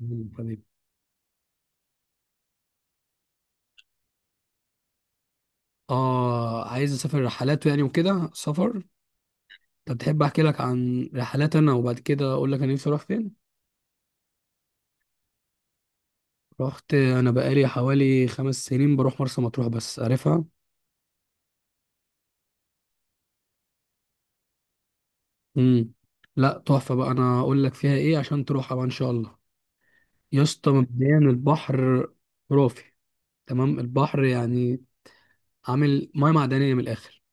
تمام. اه، عايز اسافر رحلات يعني وكده سفر. طب تحب احكي لك عن رحلات انا وبعد كده اقول لك انا نفسي اروح فين. رحت انا بقالي حوالي خمس سنين بروح مرسى مطروح، بس عارفها. امم لا تحفه بقى، انا اقول لك فيها ايه عشان تروحها بقى ان شاء الله. يا اسطى مبدئيا البحر خرافي. تمام، البحر يعني عامل ميه معدنيه من الاخر.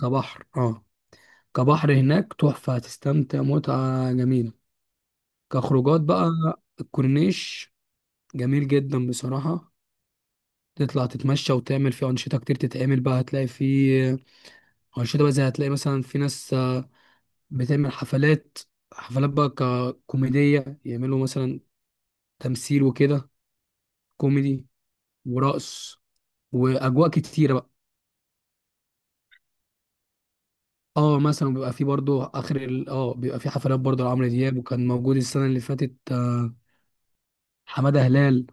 كبحر، اه، كبحر هناك تحفه، هتستمتع متعه جميله. كخروجات بقى الكورنيش جميل جدا بصراحة، تطلع تتمشى وتعمل فيه أنشطة كتير تتعمل بقى، هتلاقي فيه أنشطة بقى زي هتلاقي مثلا في ناس بتعمل حفلات، حفلات بقى ككوميدية يعملوا مثلا تمثيل وكده، كوميدي ورقص وأجواء كتيرة بقى. اه، مثلا بيبقى في برضو آخر ال... اه بيبقى في حفلات برضو لعمرو دياب، وكان موجود السنة اللي فاتت، حمادة هلال،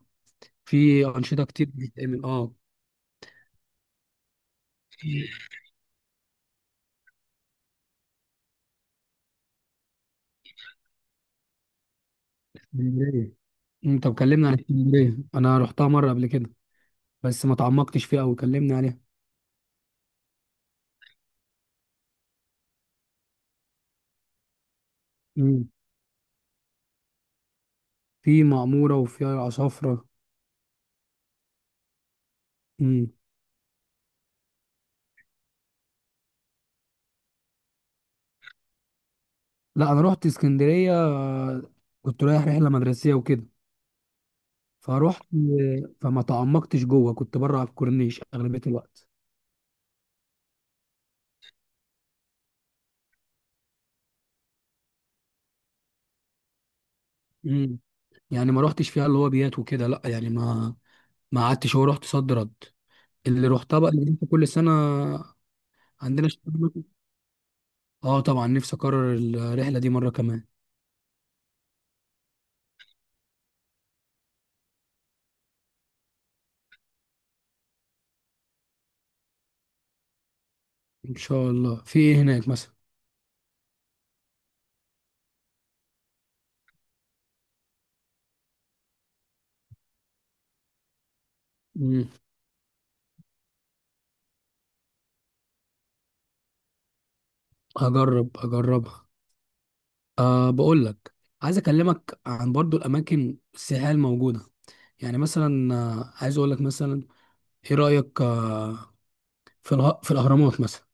في أنشطة كتير بتتعمل اه. في اسكندرية، انت مكلمنا عن اسكندرية، انا رحتها مرة قبل كده بس ما تعمقتش فيها أوي، كلمني عليها. امم، في معمورة وفي عصافرة. امم، لا أنا رحت اسكندرية، كنت رايح رحلة مدرسية وكده، فروحت فما تعمقتش جوه، كنت بره على الكورنيش أغلبية الوقت. امم، يعني ما رحتش فيها اللي هو بيات وكده، لا يعني ما قعدتش، هو رحت صد رد اللي رحتها بقى اللي كل سنة. عندنا شغل. اه طبعا نفسي اكرر الرحلة دي مرة كمان. ان شاء الله في ايه هناك مثلا. امم، هجرب اجربها. أه بقول لك، عايز اكلمك عن برضو الاماكن السياحيه الموجوده، يعني مثلا عايز اقول لك مثلا ايه رايك في الاهرامات مثلا،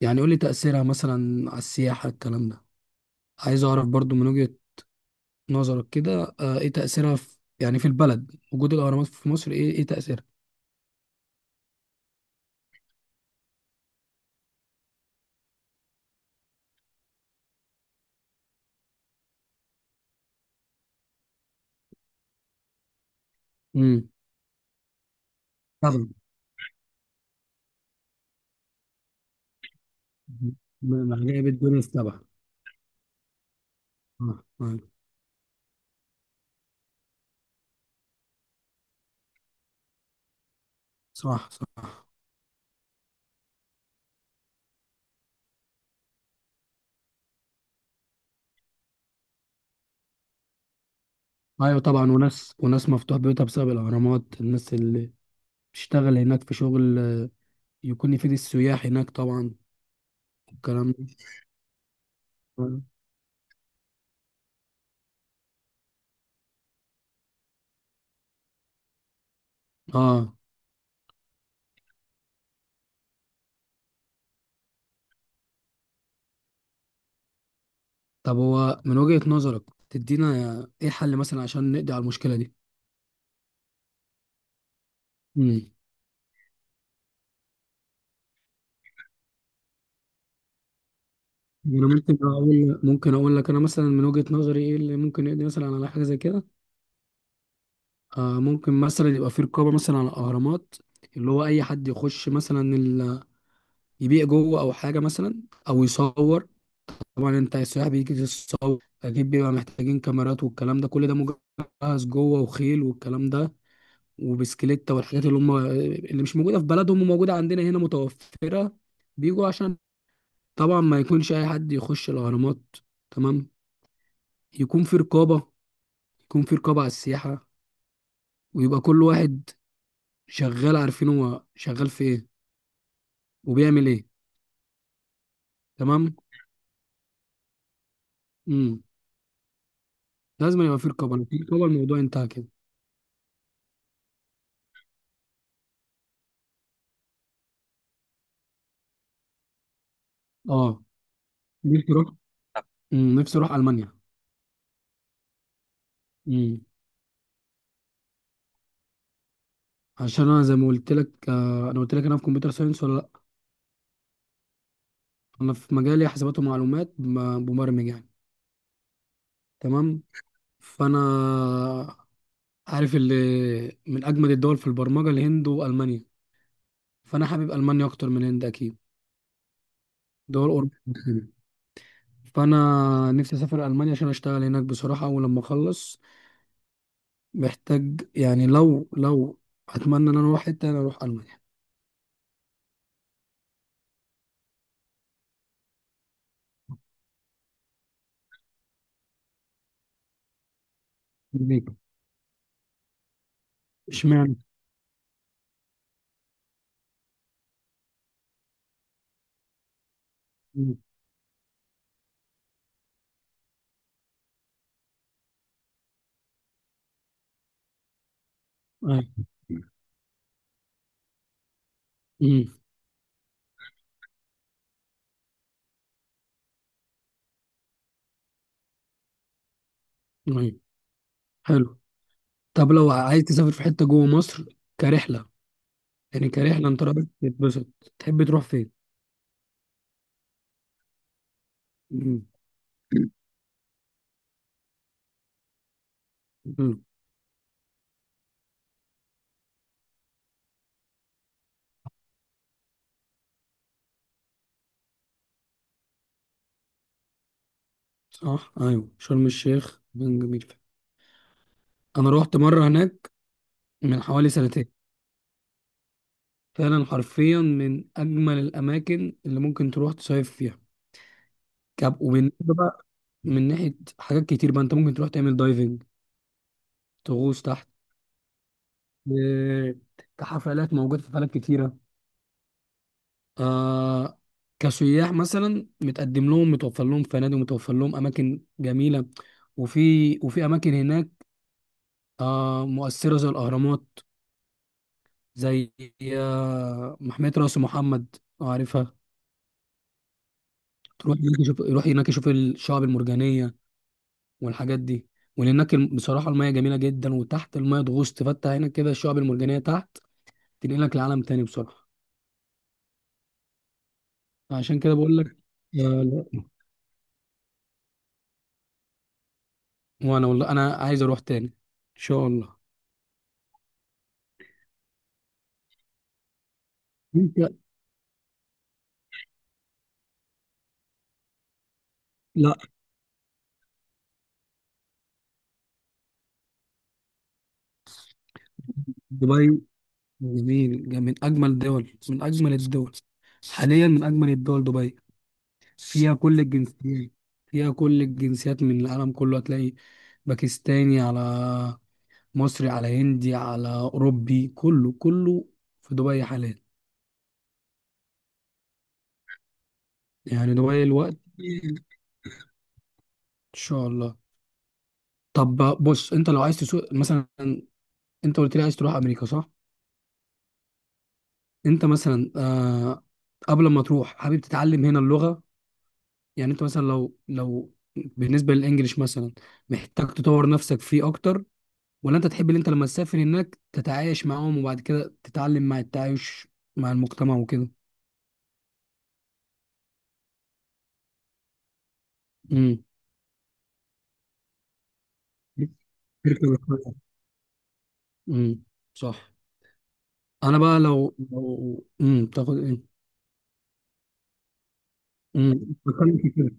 يعني قول لي تاثيرها مثلا على السياحه الكلام ده، عايز اعرف برضو من وجهه نظرك كده، ايه تاثيرها في يعني في البلد، وجود الاهرامات في مصر، ايه ايه تاثيرها. امم، طبعا. عجائب الدنيا طبعا. اه، آه، صح صح. ايوه طبعا، وناس وناس مفتوح بيوتها بسبب الاهرامات، الناس اللي بتشتغل هناك في شغل يكون يفيد السياح هناك طبعا، الكلام ده. اه، طب هو من وجهة نظرك تدينا ايه حل مثلا عشان نقضي على المشكلة دي. امم، انا ممكن اقول، ممكن اقول لك انا مثلا من وجهة نظري ايه اللي ممكن يقضي مثلا على حاجة زي كده. آه ممكن مثلا يبقى في رقابة مثلا على الاهرامات، اللي هو اي حد يخش مثلا يبيع جوه او حاجة مثلا، او يصور. طبعا انت السياح بيجي يصور، اكيد بيبقى محتاجين كاميرات والكلام ده، كل ده مجهز جوه وخيل والكلام ده وبسكليتة والحاجات اللي هم، اللي مش موجودة في بلدهم وموجودة عندنا هنا متوفرة، بيجوا عشان. طبعا ما يكونش أي حد يخش الأهرامات، تمام. يكون في رقابة، يكون في رقابة على السياحة، ويبقى كل واحد شغال عارفين هو شغال في إيه وبيعمل إيه. تمام، امم، لازم يبقى في رقابة، لو في رقابة الموضوع انتهى كده. اه، نفسي أروح. نفسي أروح ألمانيا. امم، عشان انا زي ما قلت لك، انا قلت لك انا في كمبيوتر ساينس ولا لا. انا في مجالي حسابات ومعلومات، مبرمج يعني، تمام. فانا عارف اللي من اجمد الدول في البرمجه الهند والمانيا، فانا حابب المانيا اكتر من الهند اكيد، دول اوروبا كده. فانا نفسي اسافر المانيا عشان اشتغل هناك بصراحه، اول لما اخلص محتاج يعني، لو اتمنى ان انا اروح حته انا اروح المانيا. ليه؟ اشمعنى. مم. أيوة. مم. أيوة. حلو. طب لو عايز تسافر في حته جوه مصر كرحله، يعني كرحله انت رايح تتبسط تحب تروح فين. مم. صح، ايوه شرم الشيخ مكان جميل فعلا. انا روحت مره هناك من حوالي سنتين، فعلا حرفيا من اجمل الاماكن اللي ممكن تروح تصيف فيها. كاب وبالنسبه بقى من ناحيه حاجات كتير بقى، انت ممكن تروح تعمل دايفنج، تغوص تحت. آه، كحفلات موجوده، في حفلات كتيره، آه، كسياح مثلا متقدم لهم، متوفر لهم فنادق، متوفر لهم اماكن جميله، وفي اماكن هناك آه مؤثره زي الاهرامات، زي محمية راس محمد لو عارفها. تروح هناك يشوف، يروح هناك يشوف الشعاب المرجانية والحاجات دي، وهناك بصراحة المياه جميلة جدا، وتحت المياه تغوص، تفتح هناك كده الشعاب المرجانية تحت تنقلك لعالم تاني بصراحة. عشان كده بقول لك. لا. وانا والله انا عايز اروح تاني ان شاء الله. انت. لا. دبي جميل جميل، من اجمل دول، من اجمل الدول حاليا، من اجمل الدول دبي، فيها كل الجنسيات، فيها كل الجنسيات من العالم كله. هتلاقي باكستاني على مصري على هندي على أوروبي، كله كله في دبي حاليا. يعني دبي الوقت إن شاء الله. طب بص، أنت لو عايز تسوق مثلا، أنت قلت لي عايز تروح أمريكا صح؟ أنت مثلا آه قبل ما تروح حابب تتعلم هنا اللغة، يعني أنت مثلا لو بالنسبة للإنجليش مثلا محتاج تطور نفسك فيه أكتر، ولا انت تحب ان انت لما تسافر هناك تتعايش معاهم وبعد كده تتعلم مع التعايش مع المجتمع وكده. امم، تركب الخيل. امم، صح. انا بقى لو تاخد ايه. امم، بتكلم في كده.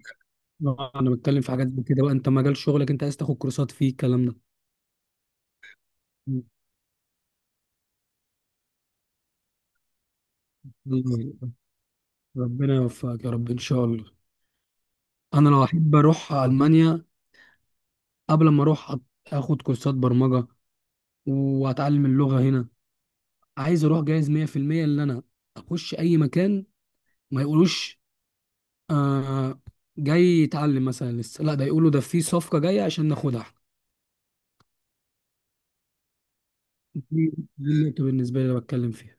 انا بتكلم في حاجات زي كده بقى، انت مجال شغلك انت عايز تاخد كورسات فيه، الكلام ده. مم. الله. ربنا يوفقك يا رب ان شاء الله. انا لو احب اروح المانيا، قبل ما اروح اخد كورسات برمجه واتعلم اللغه هنا، عايز اروح جاهز 100% ان انا اخش اي مكان ما يقولوش آه جاي يتعلم مثلا لسه، لا ده يقولوا ده في صفقة جاية عشان ناخدها احنا. دي دي النقطة بالنسبة لي اللي بتكلم فيها.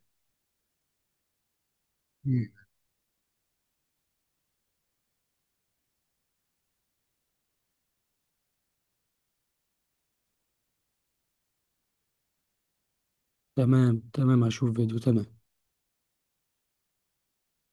مم. تمام تمام، هشوف فيديو تمام.